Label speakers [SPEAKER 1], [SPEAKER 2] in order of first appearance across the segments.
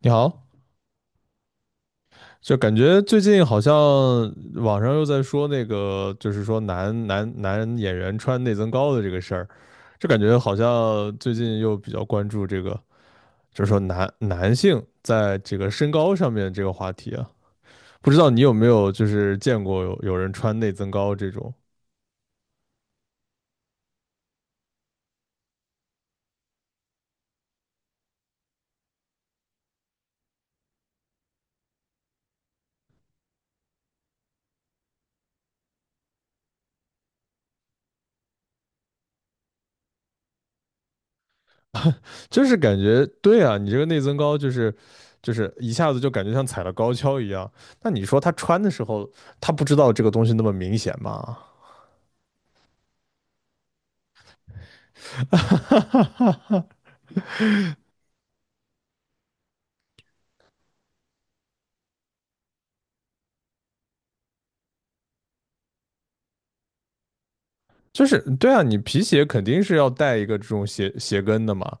[SPEAKER 1] 你好，就感觉最近好像网上又在说那个，就是说男演员穿内增高的这个事儿，就感觉好像最近又比较关注这个，就是说男性在这个身高上面这个话题啊，不知道你有没有就是见过有人穿内增高这种，就是感觉对啊，你这个内增高就是一下子就感觉像踩了高跷一样，那你说他穿的时候，他不知道这个东西那么明显吗？就是对啊，你皮鞋肯定是要带一个这种鞋跟的嘛，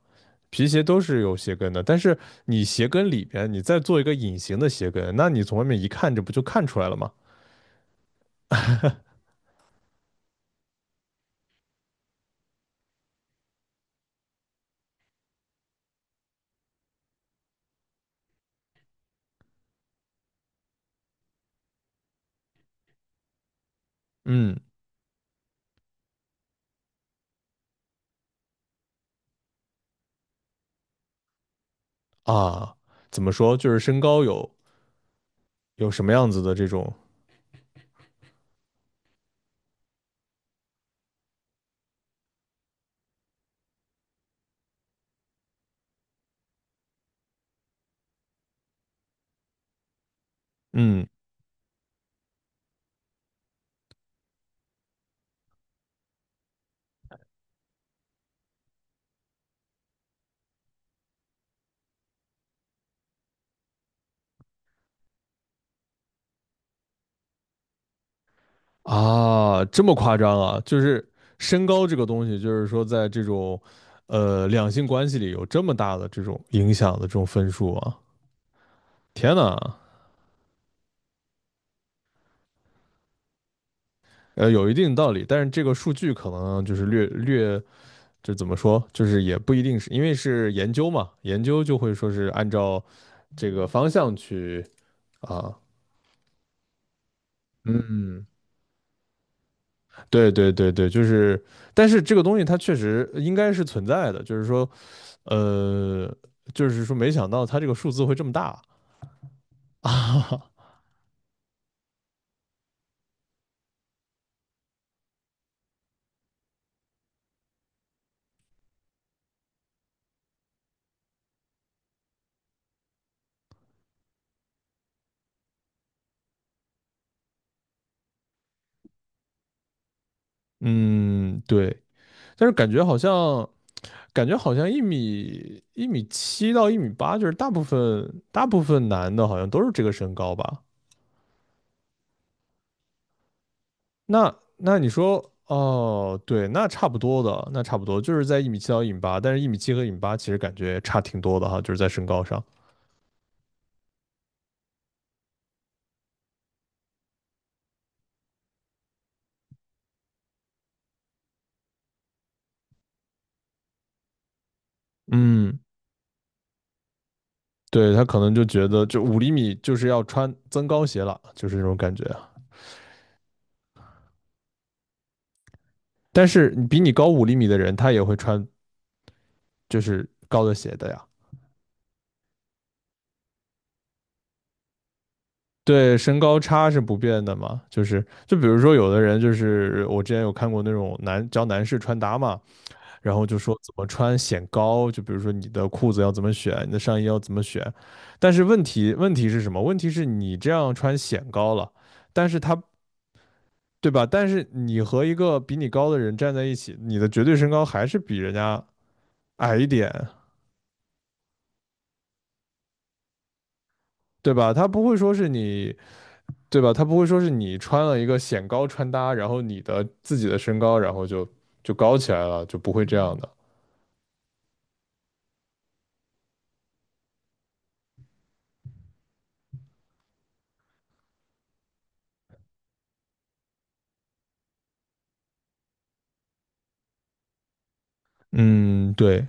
[SPEAKER 1] 皮鞋都是有鞋跟的，但是你鞋跟里边你再做一个隐形的鞋跟，那你从外面一看，这不就看出来了吗？嗯啊，怎么说，就是身高有什么样子的这种，嗯啊，这么夸张啊，就是身高这个东西，就是说在这种两性关系里有这么大的这种影响的这种分数啊，天呐！有一定道理，但是这个数据可能就是略，就怎么说，就是也不一定是因为是研究嘛，研究就会说是按照这个方向去啊。嗯，对对对对，就是，但是这个东西它确实应该是存在的，就是说，呃，就是说没想到它这个数字会这么大啊。嗯，对，但是感觉好像一米七到一米八，就是大部分男的好像都是这个身高吧？那你说哦，对，那差不多的，那差不多就是在一米七到一米八，但是一米七和一米八其实感觉差挺多的哈，就是在身高上。嗯，对，他可能就觉得就五厘米就是要穿增高鞋了，就是这种感觉啊。但是比你高五厘米的人，他也会穿就是高的鞋的呀。对，身高差是不变的嘛，就是就比如说有的人就是我之前有看过那种男士穿搭嘛，然后就说怎么穿显高，就比如说你的裤子要怎么选，你的上衣要怎么选，但是问题是什么？问题是你这样穿显高了，但是他对吧？但是你和一个比你高的人站在一起，你的绝对身高还是比人家矮一点，对吧？他不会说是你对吧？他不会说是你穿了一个显高穿搭，然后你的自己的身高，然后就高起来了，就不会这样的。嗯，对。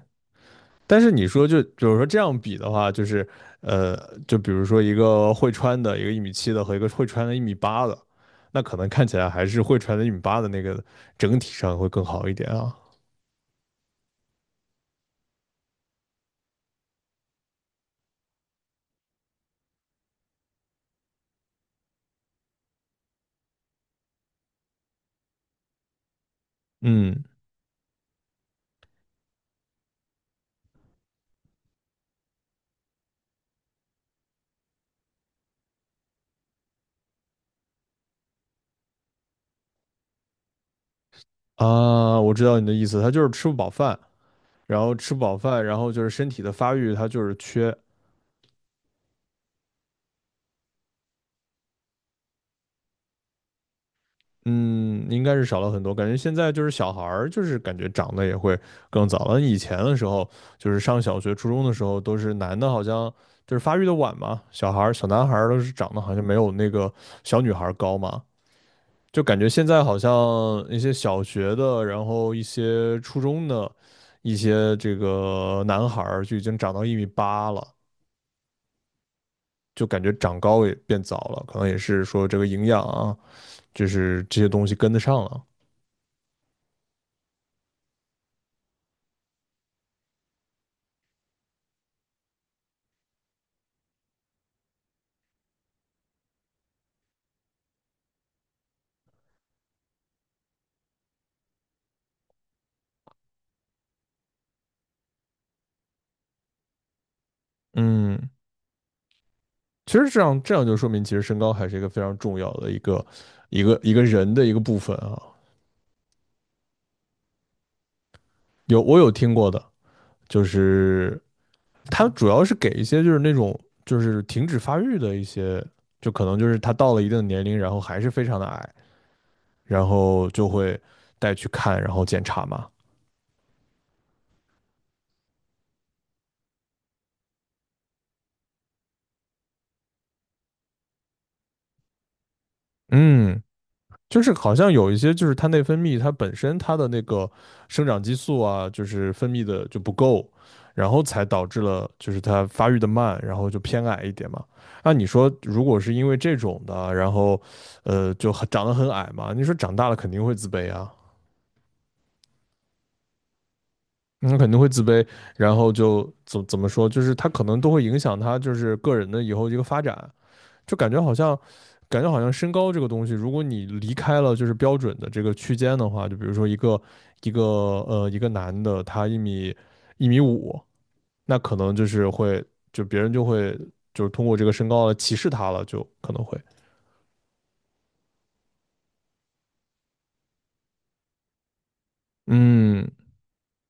[SPEAKER 1] 但是你说就比如说这样比的话，就是呃，就比如说一个会穿的，一个一米七的和一个会穿的一米八的，那可能看起来还是会穿的一米八的那个整体上会更好一点啊。嗯啊，我知道你的意思，他就是吃不饱饭，然后吃不饱饭，然后就是身体的发育，他就是缺。嗯，应该是少了很多。感觉现在就是小孩儿，就是感觉长得也会更早了。以前的时候，就是上小学、初中的时候，都是男的，好像就是发育的晚嘛，小孩儿、小男孩儿都是长得好像没有那个小女孩儿高嘛。就感觉现在好像一些小学的，然后一些初中的，一些这个男孩儿就已经长到一米八了，就感觉长高也变早了，可能也是说这个营养啊，就是这些东西跟得上了。嗯。其实这样就说明，其实身高还是一个非常重要的一个人的一个部分啊。有，我有听过的，就是他主要是给一些就是那种就是停止发育的一些，就可能就是他到了一定的年龄，然后还是非常的矮，然后就会带去看，然后检查嘛。嗯，就是好像有一些就是它内分泌它本身它的那个生长激素啊，就是分泌的就不够，然后才导致了就是它发育的慢，然后就偏矮一点嘛。那你说，如果是因为这种的，然后就很长得很矮嘛，你说长大了肯定会自卑啊，那肯定会自卑，然后就怎么说，就是他可能都会影响他就是个人的以后一个发展。就感觉好像，感觉好像身高这个东西，如果你离开了就是标准的这个区间的话，就比如说一个一个男的，他一米五，那可能就是会就别人就会就是通过这个身高来歧视他了，就可能会。嗯，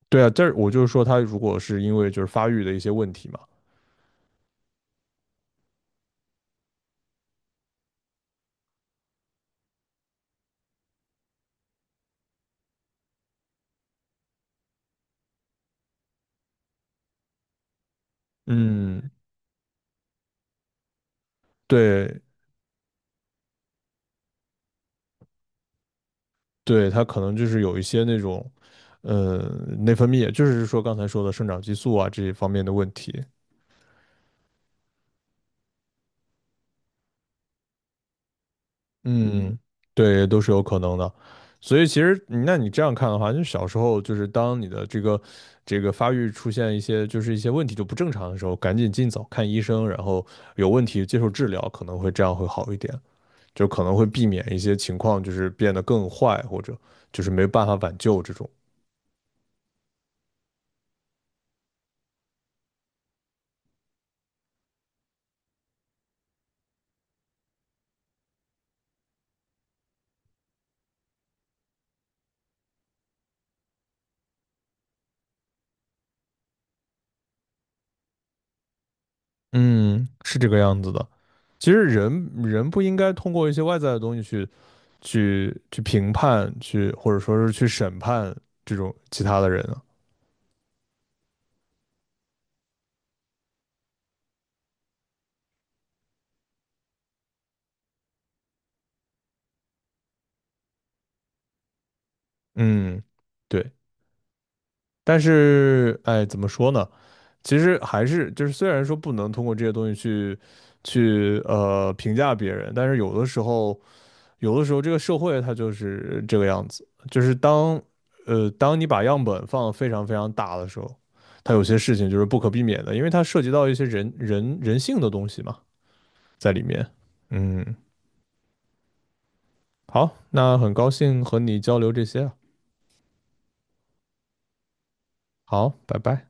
[SPEAKER 1] 对啊，但是我就是说他如果是因为就是发育的一些问题嘛。嗯，对对，他可能就是有一些那种。呃，内分泌，就是说刚才说的生长激素啊这一方面的问题。嗯，对，都是有可能的。所以其实，那你这样看的话，就小时候就是当你的这个发育出现一些就是一些问题就不正常的时候，赶紧尽早看医生，然后有问题接受治疗，可能会这样会好一点，就可能会避免一些情况就是变得更坏，或者就是没办法挽救这种。嗯，是这个样子的。其实人人不应该通过一些外在的东西去评判，去或者说是去审判这种其他的人啊。嗯，对，但是，哎，怎么说呢？其实还是就是，虽然说不能通过这些东西去评价别人，但是有的时候，有的时候这个社会它就是这个样子，就是当你把样本放得非常非常大的时候，它有些事情就是不可避免的，因为它涉及到一些人性的东西嘛，在里面。嗯，好，那很高兴和你交流这些啊，好，拜拜。